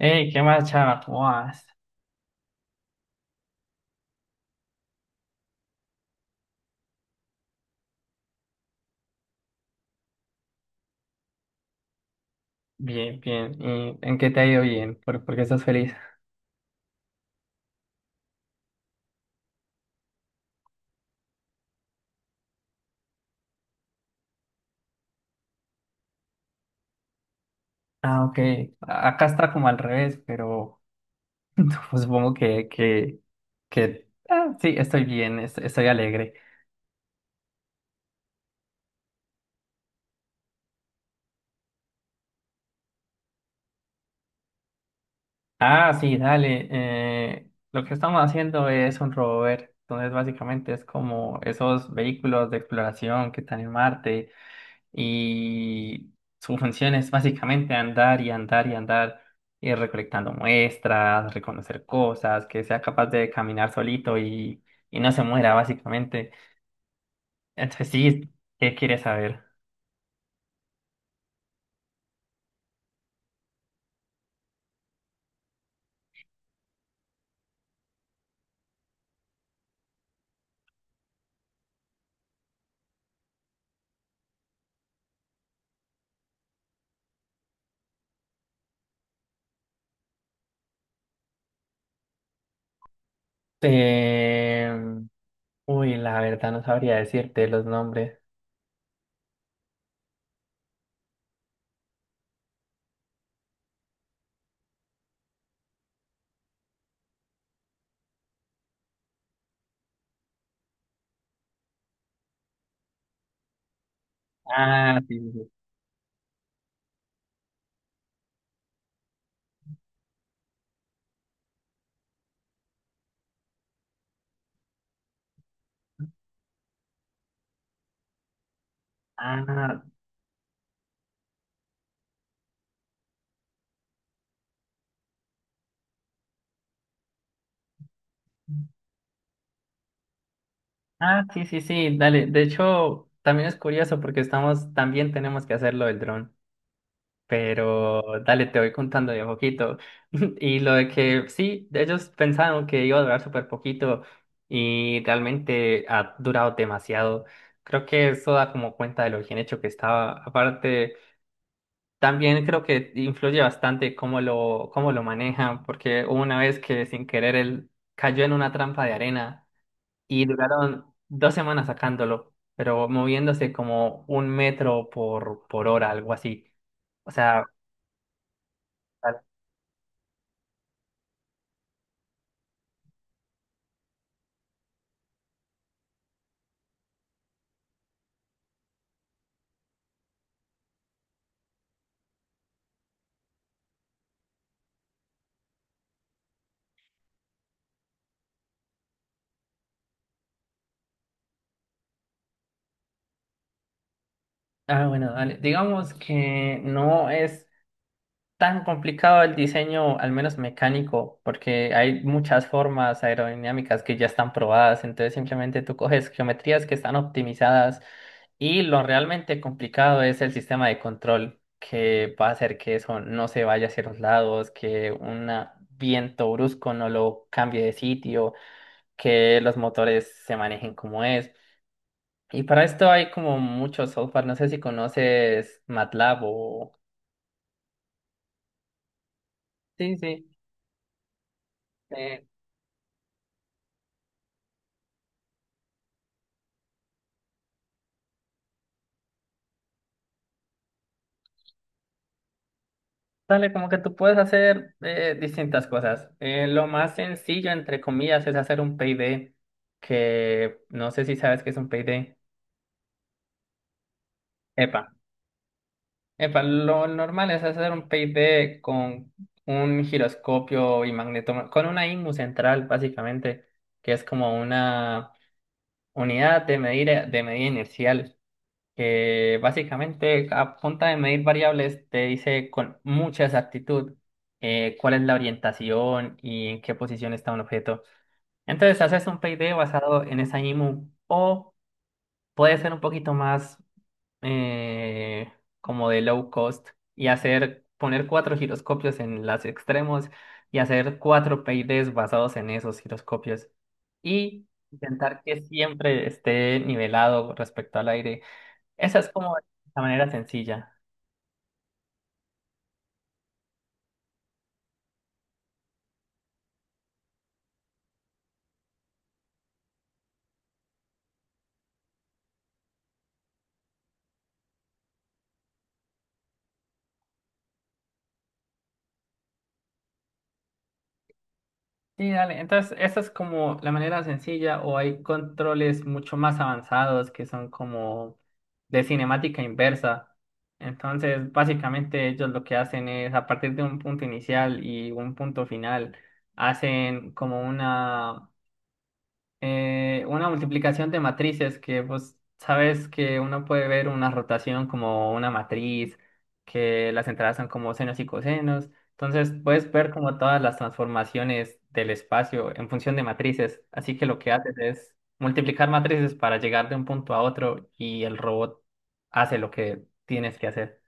Hey, ¿qué más, chava? ¿Cómo vas? Bien, bien. ¿Y en qué te ha ido bien? ¿Por qué estás feliz? Ah, ok. Acá está como al revés, pero supongo que, sí, estoy bien, estoy alegre. Ah, sí, dale. Lo que estamos haciendo es un rover. Entonces, básicamente es como esos vehículos de exploración que están en Marte y su función es básicamente andar y andar y andar, ir recolectando muestras, reconocer cosas, que sea capaz de caminar solito y no se muera, básicamente. Entonces, sí, ¿qué quieres saber? Eh, uy, la verdad no sabría decirte los nombres. Ah, sí, sí, sí. Ah. Ah, sí, sí, sí, dale. De hecho, también es curioso porque estamos, también tenemos que hacerlo lo del dron. Pero dale, te voy contando de a poquito. Y lo de que sí, ellos pensaron que iba a durar súper poquito y realmente ha durado demasiado. Creo que eso da como cuenta de lo bien hecho que estaba. Aparte, también creo que influye bastante cómo lo manejan, porque hubo una vez que sin querer él cayó en una trampa de arena y duraron dos semanas sacándolo, pero moviéndose como un metro por hora, algo así. O sea, ah, bueno, dale. Digamos que no es tan complicado el diseño, al menos mecánico, porque hay muchas formas aerodinámicas que ya están probadas, entonces simplemente tú coges geometrías que están optimizadas y lo realmente complicado es el sistema de control que va a hacer que eso no se vaya hacia los lados, que un viento brusco no lo cambie de sitio, que los motores se manejen como es. Y para esto hay como mucho software, no sé si conoces MATLAB o... Sí, sí. Eh, Dale, como que tú puedes hacer distintas cosas. Lo más sencillo, entre comillas, es hacer un payday, que no sé si sabes qué es un payday. Epa, epa, lo normal es hacer un payday con un giroscopio y magneto, con una IMU central, básicamente, que es como una unidad de medida inercial. Que básicamente a punta de medir variables te dice con mucha exactitud cuál es la orientación y en qué posición está un objeto. Entonces haces un PID basado en esa IMU o puede ser un poquito más eh, como de low cost y hacer poner cuatro giroscopios en los extremos y hacer cuatro PIDs basados en esos giroscopios y intentar que siempre esté nivelado respecto al aire. Esa es como la manera sencilla. Sí, dale. Entonces, esa es como la manera sencilla o hay controles mucho más avanzados que son como de cinemática inversa. Entonces, básicamente ellos lo que hacen es, a partir de un punto inicial y un punto final, hacen como una multiplicación de matrices, que vos sabes que uno puede ver una rotación como una matriz, que las entradas son como senos y cosenos. Entonces puedes ver como todas las transformaciones del espacio en función de matrices. Así que lo que haces es multiplicar matrices para llegar de un punto a otro y el robot hace lo que tienes que hacer.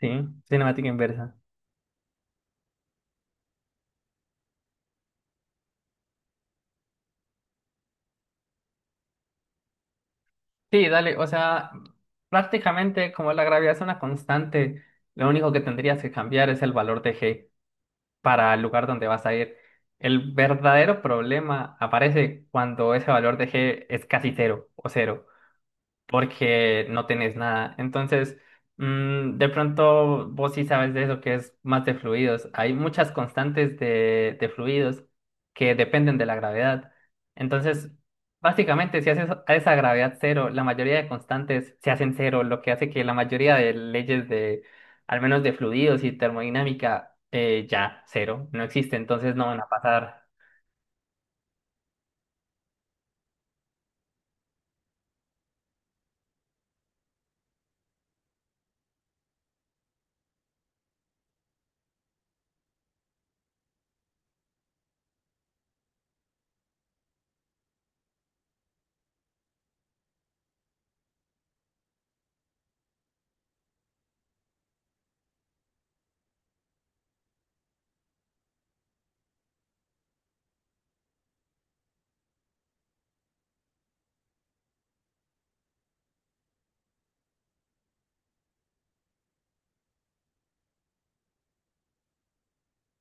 Sí, cinemática inversa. Sí, dale, o sea, prácticamente como la gravedad es una constante, lo único que tendrías que cambiar es el valor de g para el lugar donde vas a ir. El verdadero problema aparece cuando ese valor de g es casi cero o cero porque no tenés nada. Entonces, mm, de pronto vos sí sabes de eso que es más de fluidos. Hay muchas constantes de fluidos que dependen de la gravedad. Entonces, básicamente, si haces a esa gravedad cero, la mayoría de constantes se hacen cero, lo que hace que la mayoría de leyes de, al menos de fluidos y termodinámica, ya cero, no existe, entonces no van a pasar.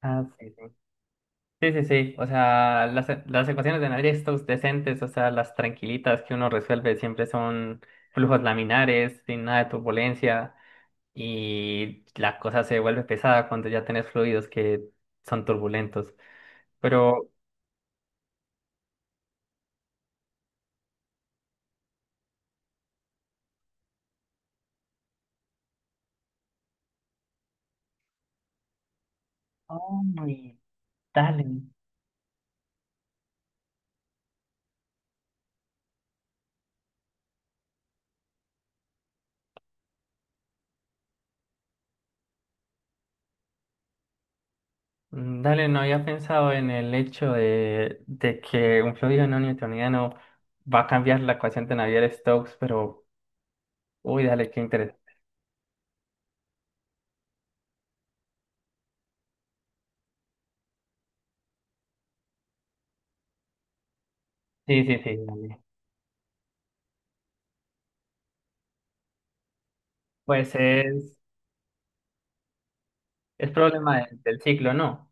Ah, sí, sí. Sí, sí, sí. O sea, las ecuaciones de Navier-Stokes decentes, o sea, las tranquilitas que uno resuelve siempre son flujos laminares, sin nada de turbulencia, y la cosa se vuelve pesada cuando ya tenés fluidos que son turbulentos. Pero, hombre, dale. Mm, dale, no había pensado en el hecho de que un fluido no newtoniano va a cambiar la ecuación de Navier-Stokes, pero, uy, dale, qué interesante. Sí, sí, sí, dale. Pues es. Es problema del ciclo, ¿no?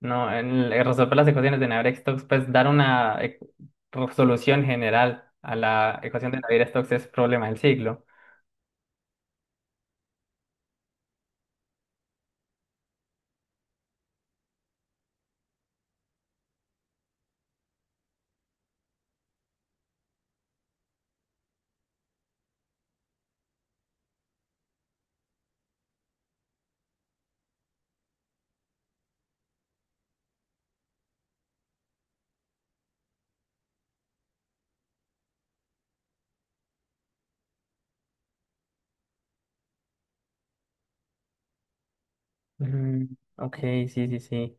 No, resolver las ecuaciones de Navier-Stokes, pues dar una solución general a la ecuación de Navier-Stokes es problema del ciclo. Mm, ok, sí, sí, sí.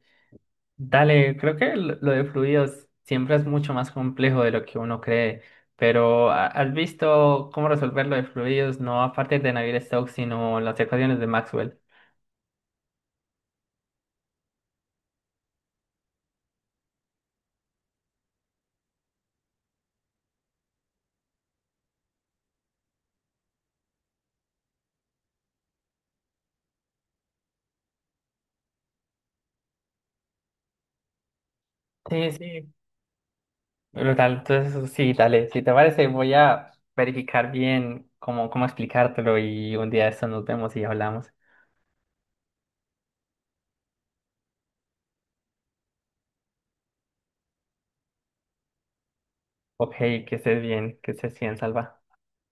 Dale, creo que lo de fluidos siempre es mucho más complejo de lo que uno cree, pero has visto cómo resolver lo de fluidos no a partir de Navier-Stokes, sino las ecuaciones de Maxwell? Sí, sí, brutal. Entonces, sí, dale. Si te parece, voy a verificar bien cómo explicártelo y un día de esto nos vemos y hablamos. Ok, que estés bien, Salva.